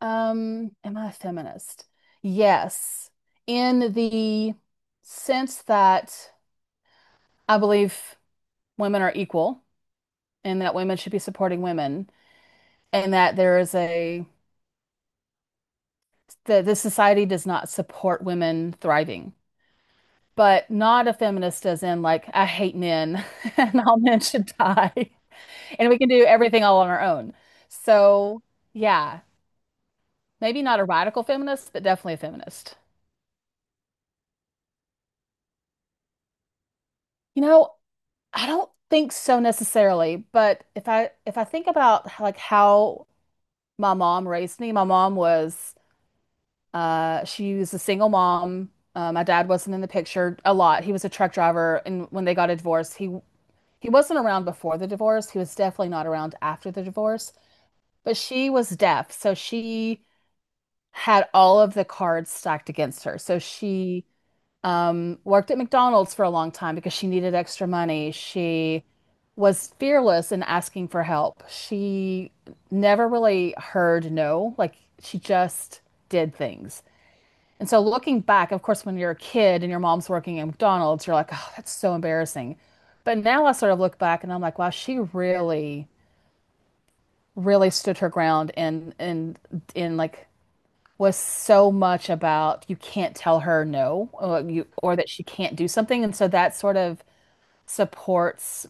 Am I a feminist? Yes, in the sense that I believe women are equal and that women should be supporting women and that there is a that this society does not support women thriving. But not a feminist as in like I hate men and all men should die and we can do everything all on our own. So, yeah, maybe not a radical feminist, but definitely a feminist. You know, I don't think so necessarily, but if I think about like how my mom raised me. My mom was she was a single mom. My dad wasn't in the picture a lot. He was a truck driver, and when they got a divorce, he wasn't around before the divorce. He was definitely not around after the divorce. But she was deaf, so she had all of the cards stacked against her. So she worked at McDonald's for a long time because she needed extra money. She was fearless in asking for help. She never really heard no, like she just did things. And so looking back, of course, when you're a kid and your mom's working at McDonald's, you're like, oh, that's so embarrassing. But now I sort of look back and I'm like, wow, she really, really stood her ground and in like was so much about you can't tell her no, or like, you or that she can't do something. And so that sort of supports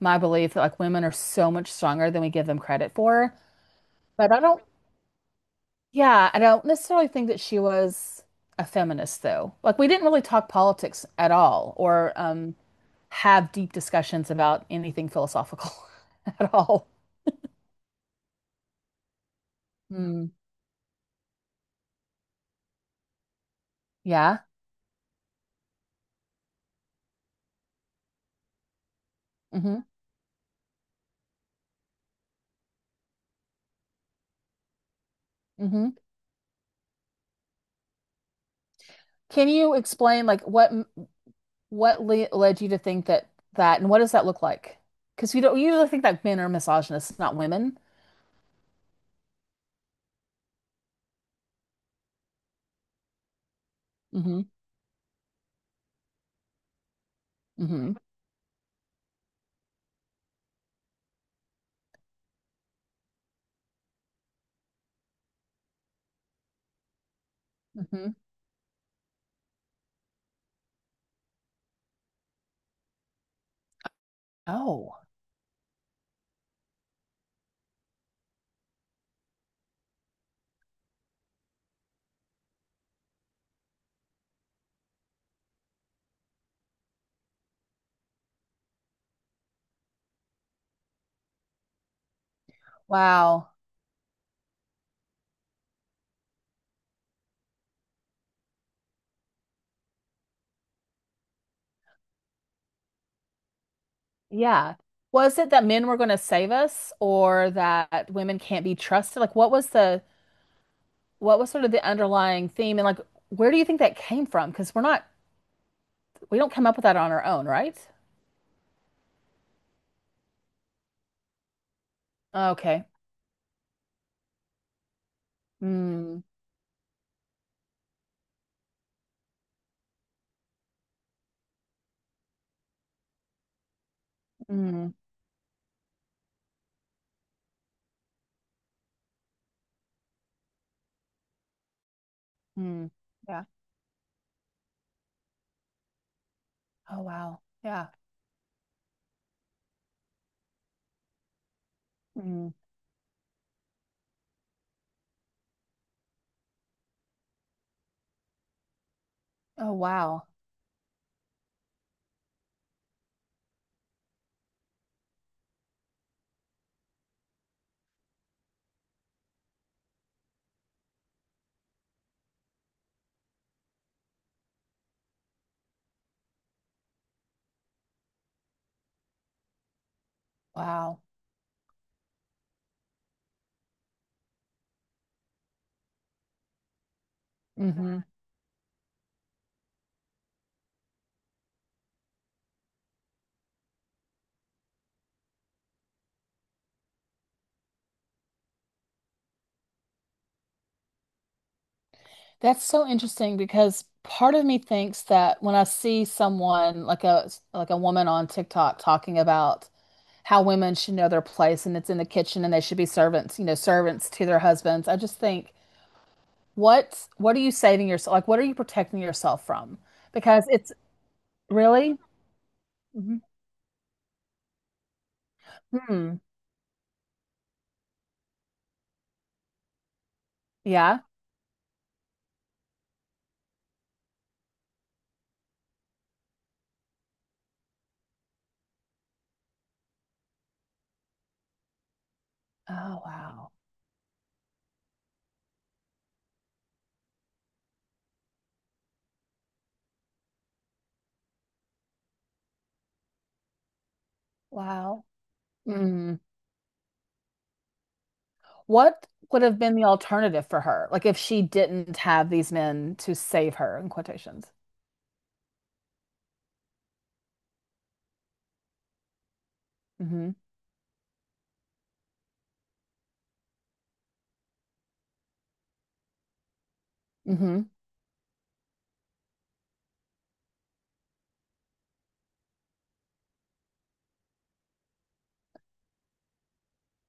my belief that like women are so much stronger than we give them credit for. But I don't, yeah, I don't necessarily think that she was a feminist though. Like we didn't really talk politics at all, or have deep discussions about anything philosophical at all. Mm, yeah. Mm-hmm. Mm-hmm. Can you explain like what? What le led you to think that, and what does that look like? Because we don't we usually think that men are misogynists, not women. Hmm hmm hmm Oh, wow. Yeah. Was it that men were going to save us, or that women can't be trusted? Like, what was the what was sort of the underlying theme, and like, where do you think that came from? Because we don't come up with that on our own, right? Okay. Mm, mm, mm. Yeah. Oh, wow. Yeah. Mm. Oh, wow. Wow. Mhm. That's so interesting because part of me thinks that when I see someone like a woman on TikTok talking about how women should know their place and it's in the kitchen and they should be servants, you know, servants to their husbands, I just think, what are you saving yourself? Like, what are you protecting yourself from? Because it's really, Mhm. Hmm, yeah. Oh, wow. Wow. Mm. What would have been the alternative for her? Like if she didn't have these men to save her, in quotations. Hmm hmm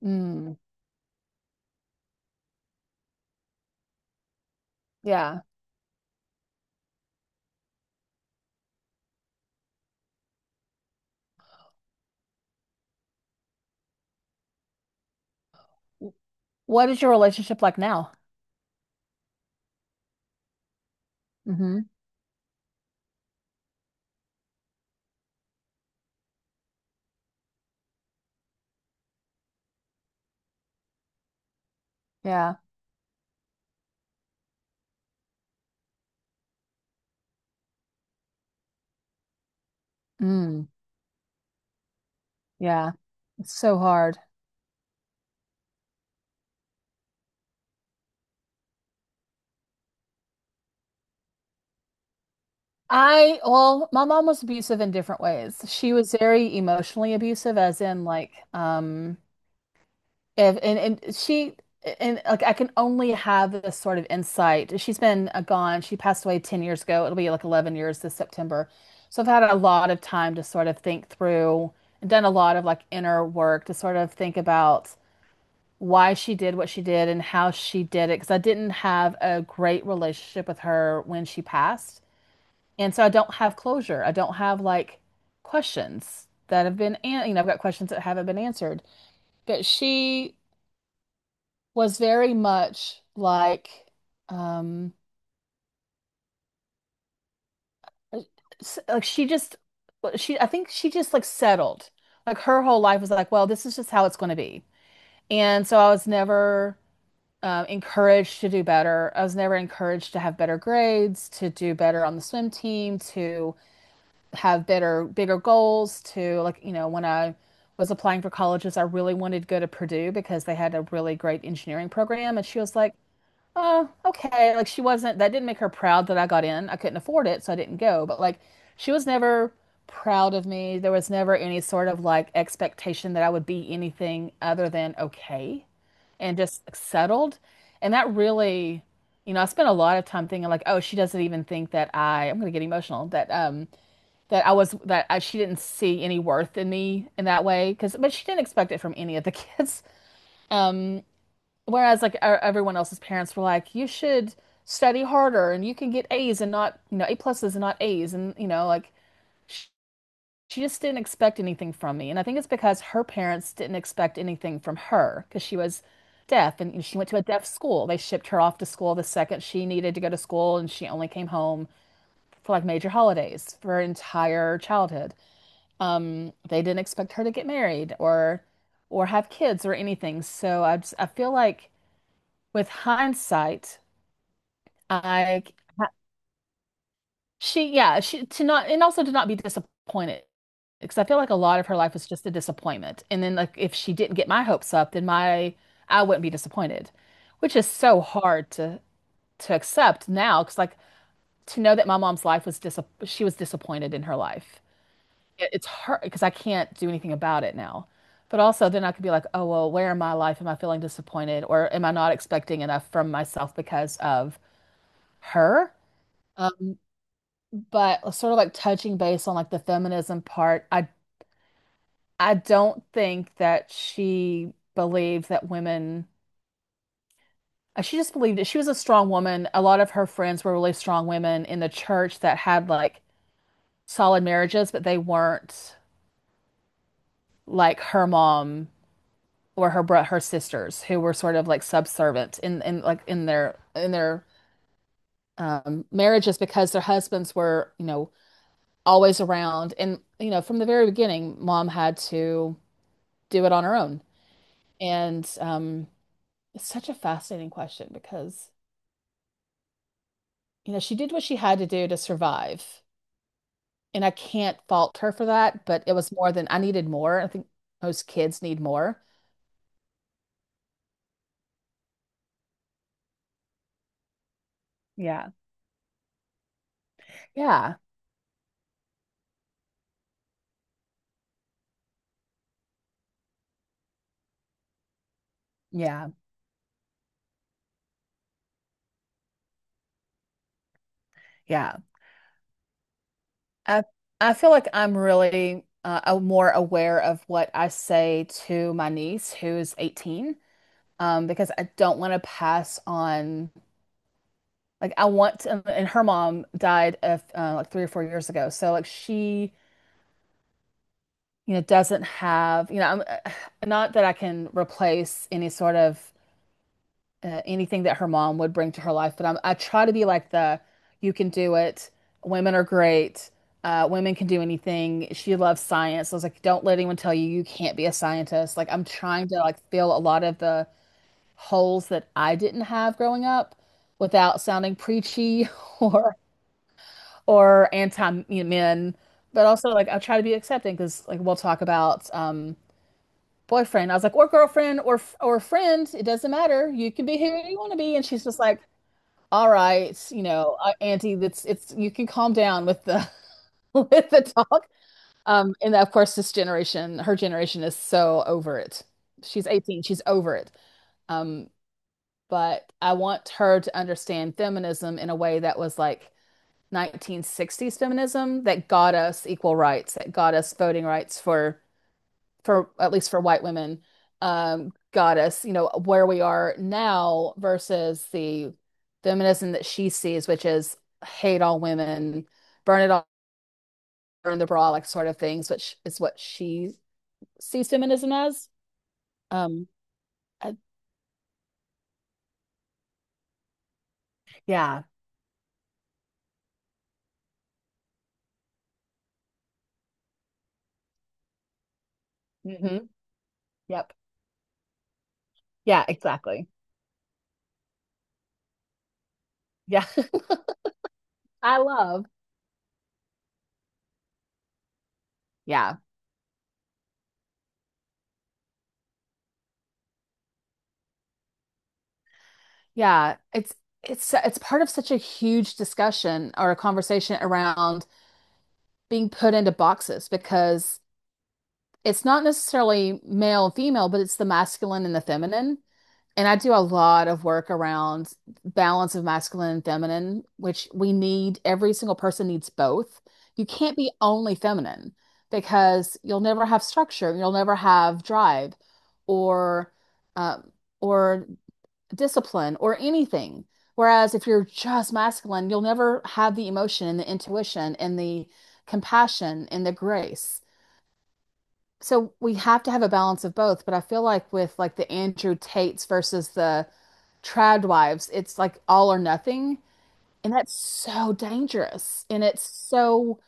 Mm, yeah. W- What is your relationship like now? Hmm Yeah. Mm, yeah. It's so hard. I, well, my mom was abusive in different ways. She was very emotionally abusive, as in like, if, and she, and like, I can only have this sort of insight. She's been gone. She passed away 10 years ago. It'll be like 11 years this September. So I've had a lot of time to sort of think through and done a lot of like inner work to sort of think about why she did what she did and how she did it, because I didn't have a great relationship with her when she passed. And so I don't have closure. I don't have like questions that have been, an you know, I've got questions that haven't been answered. But she was very much like, um, like she just, well, she, I think she just like settled. Like her whole life was like, well, this is just how it's going to be. And so I was never encouraged to do better. I was never encouraged to have better grades, to do better on the swim team, to have better, bigger goals, to like, you know, when I was applying for colleges, I really wanted to go to Purdue because they had a really great engineering program. And she was like, oh, okay. Like, she wasn't, that didn't make her proud that I got in. I couldn't afford it, so I didn't go. But like, she was never proud of me. There was never any sort of like expectation that I would be anything other than okay and just like, settled. And that really, you know, I spent a lot of time thinking like, oh, she doesn't even think that I'm gonna get emotional, that that I was that I, she didn't see any worth in me in that way because but she didn't expect it from any of the kids. Um Whereas like everyone else's parents were like, you should study harder and you can get A's and not, you know, A pluses and not A's, and you know, like she just didn't expect anything from me. And I think it's because her parents didn't expect anything from her, because she was deaf and you know, she went to a deaf school. They shipped her off to school the second she needed to go to school, and she only came home for like major holidays for her entire childhood. They didn't expect her to get married or have kids or anything. So I feel like with hindsight, I yeah, she to not, and also to not be disappointed, because I feel like a lot of her life was just a disappointment. And then like if she didn't get my hopes up, then my I wouldn't be disappointed, which is so hard to accept now because like to know that my mom's life was dis she was disappointed in her life. It, it's hard because I can't do anything about it now. But also then I could be like, oh well, where in my life am I feeling disappointed, or am I not expecting enough from myself because of her? But sort of like touching base on like the feminism part, I don't think that she believed that women, she just believed it. She was a strong woman. A lot of her friends were really strong women in the church that had like solid marriages, but they weren't like her mom or her sisters who were sort of like subservient in like in their marriages, because their husbands were, you know, always around. And you know, from the very beginning, mom had to do it on her own. And it's such a fascinating question because, you know, she did what she had to do to survive. And I can't fault her for that, but it was more than I needed more. I think most kids need more. Yeah. Yeah. Yeah. Yeah. I I feel like I'm really more aware of what I say to my niece who is 18, because I don't want to pass on I want to, and her mom died of like 3 or 4 years ago. So like she you know, doesn't have, you know, I'm not that I can replace any sort of anything that her mom would bring to her life, but I try to be like the you can do it. Women are great. Women can do anything. She loves science. So I was like, don't let anyone tell you you can't be a scientist. Like I'm trying to like fill a lot of the holes that I didn't have growing up without sounding preachy or anti, men, but also like I try to be accepting because like we'll talk about boyfriend. I was like, or girlfriend or friend. It doesn't matter. You can be who you want to be. And she's just like, all right, you know, Auntie, that's it's you can calm down with the with the talk. And of course, this generation, her generation is so over it. She's 18, she's over it. Um, but I want her to understand feminism in a way that was like 1960s feminism that got us equal rights, that got us voting rights for at least for white women, got us, you know, where we are now versus the feminism that she sees, which is hate all women, burn it all, burn the bra, like sort of things, which is what she sees feminism as. Um, I- Yeah. hmm Yep. Yeah, exactly. Yeah. I love. Yeah. Yeah, it's it's part of such a huge discussion or a conversation around being put into boxes, because it's not necessarily male and female, but it's the masculine and the feminine. And I do a lot of work around balance of masculine and feminine, which we need, every single person needs both. You can't be only feminine because you'll never have structure, you'll never have drive or um, or discipline or anything. Whereas if you're just masculine, you'll never have the emotion and the intuition and the compassion and the grace. So we have to have a balance of both, but I feel like with like the Andrew Tates versus the trad wives, it's like all or nothing, and that's so dangerous and it's so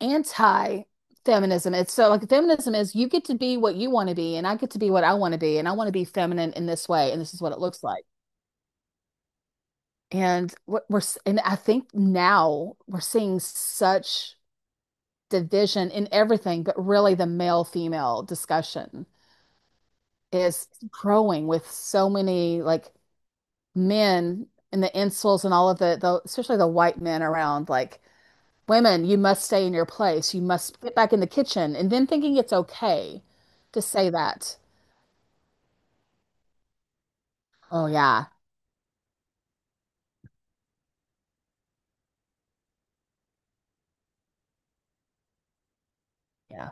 anti-feminism. It's so like feminism is you get to be what you want to be and I get to be what I want to be and I want to be feminine in this way and this is what it looks like. And what we're and I think now we're seeing such division in everything, but really the male-female discussion is growing with so many like men and the insults and all of the especially the white men around like women, you must stay in your place. You must get back in the kitchen and then thinking it's okay to say that. Oh yeah. Yeah.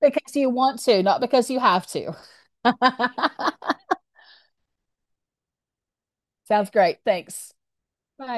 Because you want to, not because you have to. Sounds great. Thanks. Bye.